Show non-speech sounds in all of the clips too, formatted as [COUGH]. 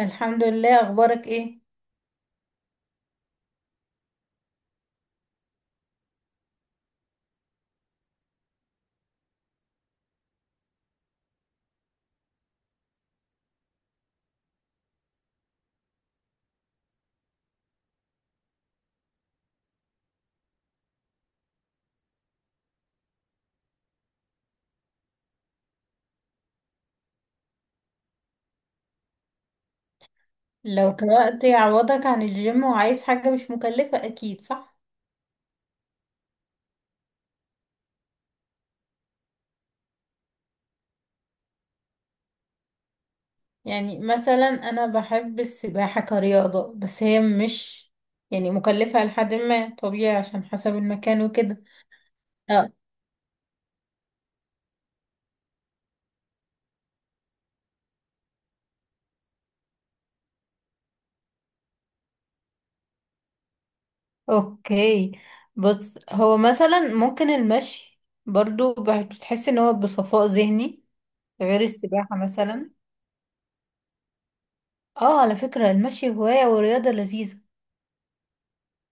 الحمد لله، اخبارك ايه؟ لو كوقت يعوضك عن الجيم وعايز حاجة مش مكلفة، اكيد صح. يعني مثلا انا بحب السباحة كرياضة، بس هي مش يعني مكلفة لحد ما، طبيعي عشان حسب المكان وكده. اه، اوكي. بص، هو مثلا ممكن المشي برضو، بتحس ان هو بصفاء ذهني غير السباحة مثلا. اه، على فكرة المشي هواية ورياضة لذيذة.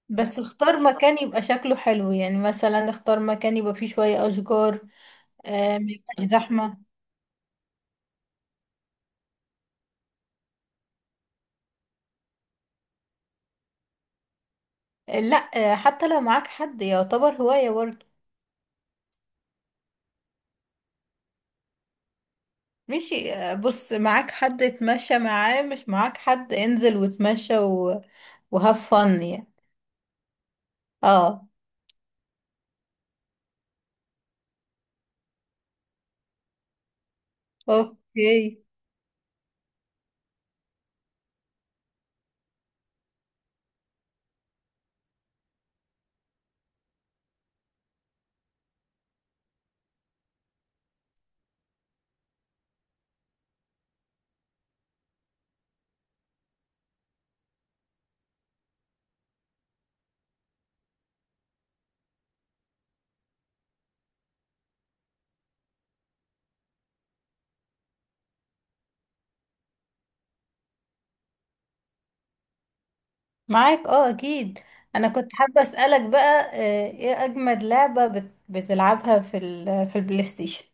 بس اختار مكان يبقى شكله حلو، يعني مثلا اختار مكان يبقى فيه شوية أشجار. ما يبقاش زحمة. آه، لا. آه، حتى لو معاك حد يعتبر هواية برضه. ماشي، بص، معاك حد اتمشى معاه، مش معاك حد انزل واتمشى و... وهاف فن يعني. اه، اوكي. معاك، اه، اكيد. انا كنت حابة اسألك بقى، ايه اجمد لعبة بتلعبها في في البلاي ستيشن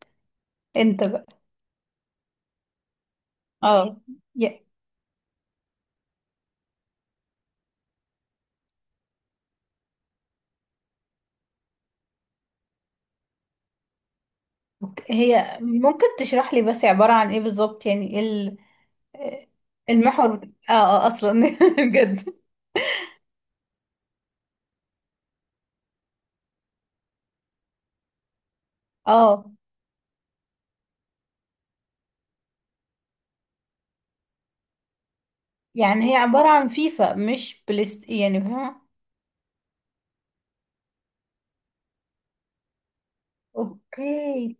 انت بقى؟ اه، أوكي. هي ممكن تشرح لي بس، عبارة عن ايه بالظبط؟ يعني ايه المحور اه اه اصلا [LAUGHS] بجد. اه، يعني هي عبارة عن فيفا مش بلست، يعني فاهمة؟ اوكي.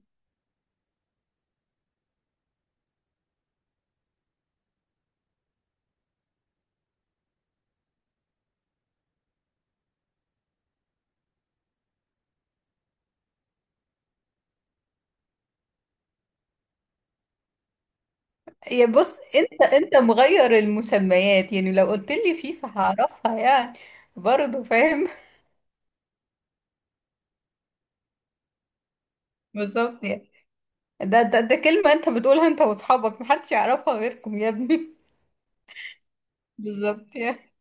يا بص، انت مغير المسميات، يعني لو قلت لي فيفا هعرفها يعني. برضه فاهم. [LAUGHS] بالظبط يعني. ده كلمة انت بتقولها انت واصحابك، محدش يعرفها غيركم يا ابني. [LAUGHS] بالظبط يعني.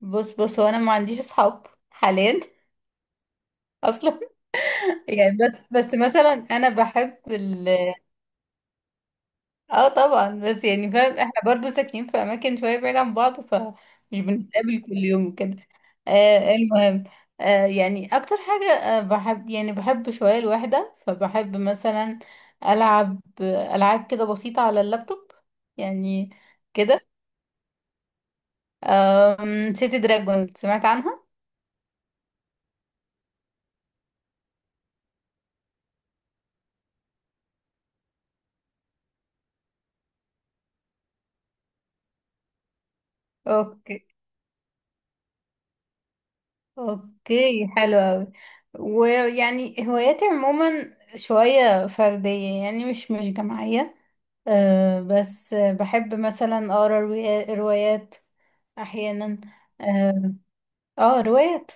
بص بص، هو انا ما عنديش اصحاب حاليا اصلا. يعني بس مثلا انا بحب ال... اه، طبعا. بس يعني فاهم، احنا برضو ساكنين في اماكن شويه بعيد عن بعض، فمش بنتقابل كل يوم وكده. آه، المهم، يعني اكتر حاجه، بحب يعني بحب شويه الوحده، فبحب مثلا العب العاب كده بسيطه على اللابتوب يعني. كده سيتي دراجون، سمعت عنها؟ اوكي. اوكي، حلو اوي. ويعني هواياتي عموما شوية فردية يعني، مش جماعية. أه، بس بحب مثلا اقرا روايات احيانا. اه، روايات.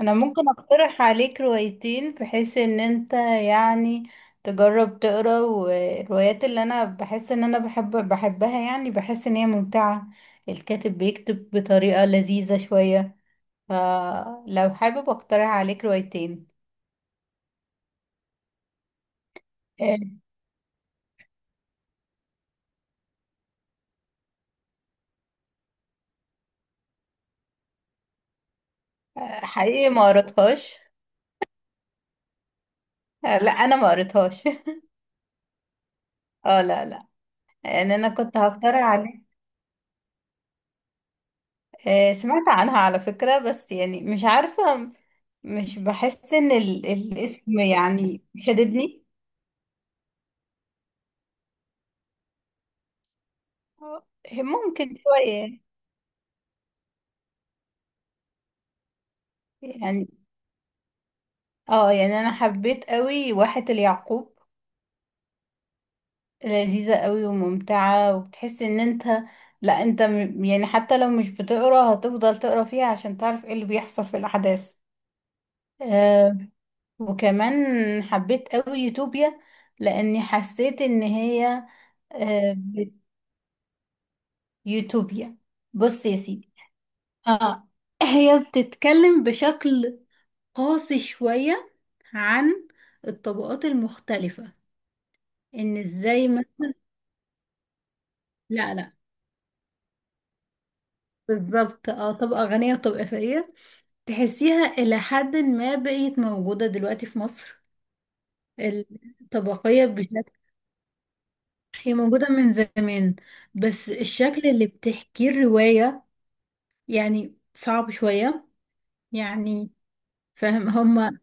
انا ممكن اقترح عليك روايتين بحيث ان انت يعني تجرب تقرا. والروايات اللي انا بحس ان انا بحبها، يعني بحس ان هي ممتعة، الكاتب بيكتب بطريقة لذيذة شوية. فلو حابب اقترح عليك روايتين. آه، حقيقي ما قريتهاش. لا انا ما قريتهاش. [LAUGHS] اه، لا لا. يعني انا كنت هقترح عليك. سمعت عنها على فكرة، بس يعني مش عارفة، مش بحس ان الاسم يعني شددني. آه، ممكن شوية يعني. اه، يعني انا حبيت قوي واحة اليعقوب. لذيذة قوي وممتعة، وبتحس ان انت، لا انت يعني حتى لو مش بتقرا هتفضل تقرا فيها عشان تعرف ايه اللي بيحصل في الاحداث. آه، وكمان حبيت قوي يوتوبيا، لاني حسيت ان هي آه بت- يوتوبيا. بص يا سيدي. اه، هي بتتكلم بشكل قاسي شوية عن الطبقات المختلفة، ان ازاي ما... لا لا، بالظبط، اه، طبقة غنية وطبقة فقيرة. تحسيها إلى حد ما بقيت موجودة دلوقتي في مصر، الطبقية بشكل... هي موجودة من زمان، بس الشكل اللي بتحكيه الرواية يعني صعب شوية يعني. فاهم هما؟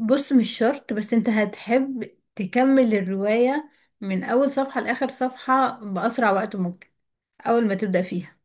بص مش شرط، بس انت هتحب تكمل الرواية من أول صفحة لآخر صفحة بأسرع وقت ممكن أول ما تبدأ فيها.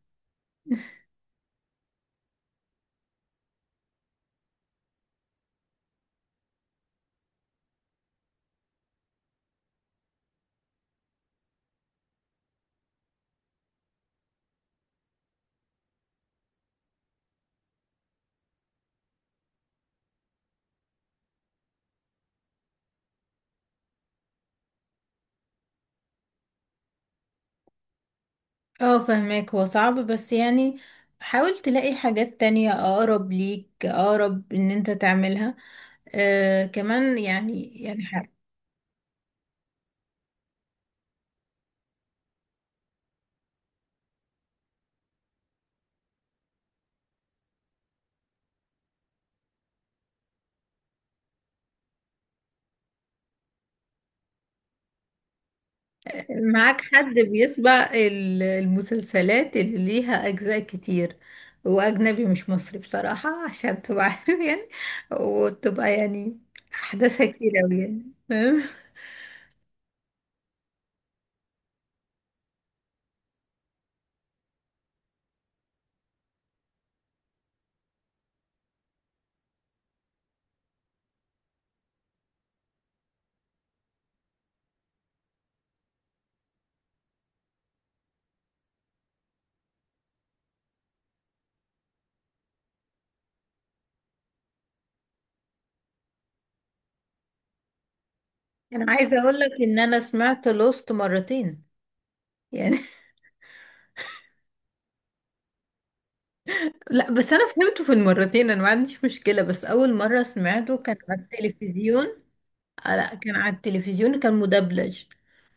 اه، فهماك. هو صعب بس يعني حاول تلاقي حاجات تانية أقرب ليك، أقرب إن انت تعملها. آه، كمان معاك حد بيسبق المسلسلات اللي ليها أجزاء كتير، وأجنبي مش مصري بصراحة، [LAUGHS] عشان تبقى عارف يعني، وتبقى يعني أحداثها كتير أوي يعني. فاهم؟ أنا عايزة أقول لك إن أنا سمعت لوست مرتين يعني. [LAUGHS] لا بس أنا فهمته في المرتين، أنا ما عنديش مشكلة، بس أول مرة سمعته كان على التلفزيون. لا كان على التلفزيون كان مدبلج،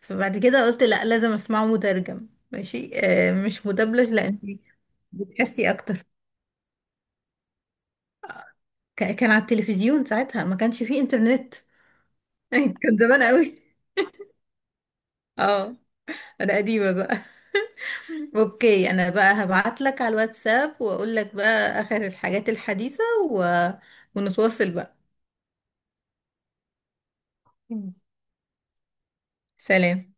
فبعد كده قلت لا لازم اسمعه مترجم ماشي، آه مش مدبلج، لان بتحسي اكتر. كان على التلفزيون، ساعتها ما كانش فيه انترنت. [LAUGHS] كان زمان قوي. اه، انا قديمة بقى. [LAUGHS] اوكي، انا بقى هبعت لك على الواتساب واقول لك بقى اخر الحاجات الحديثة و... ونتواصل بقى. سلام.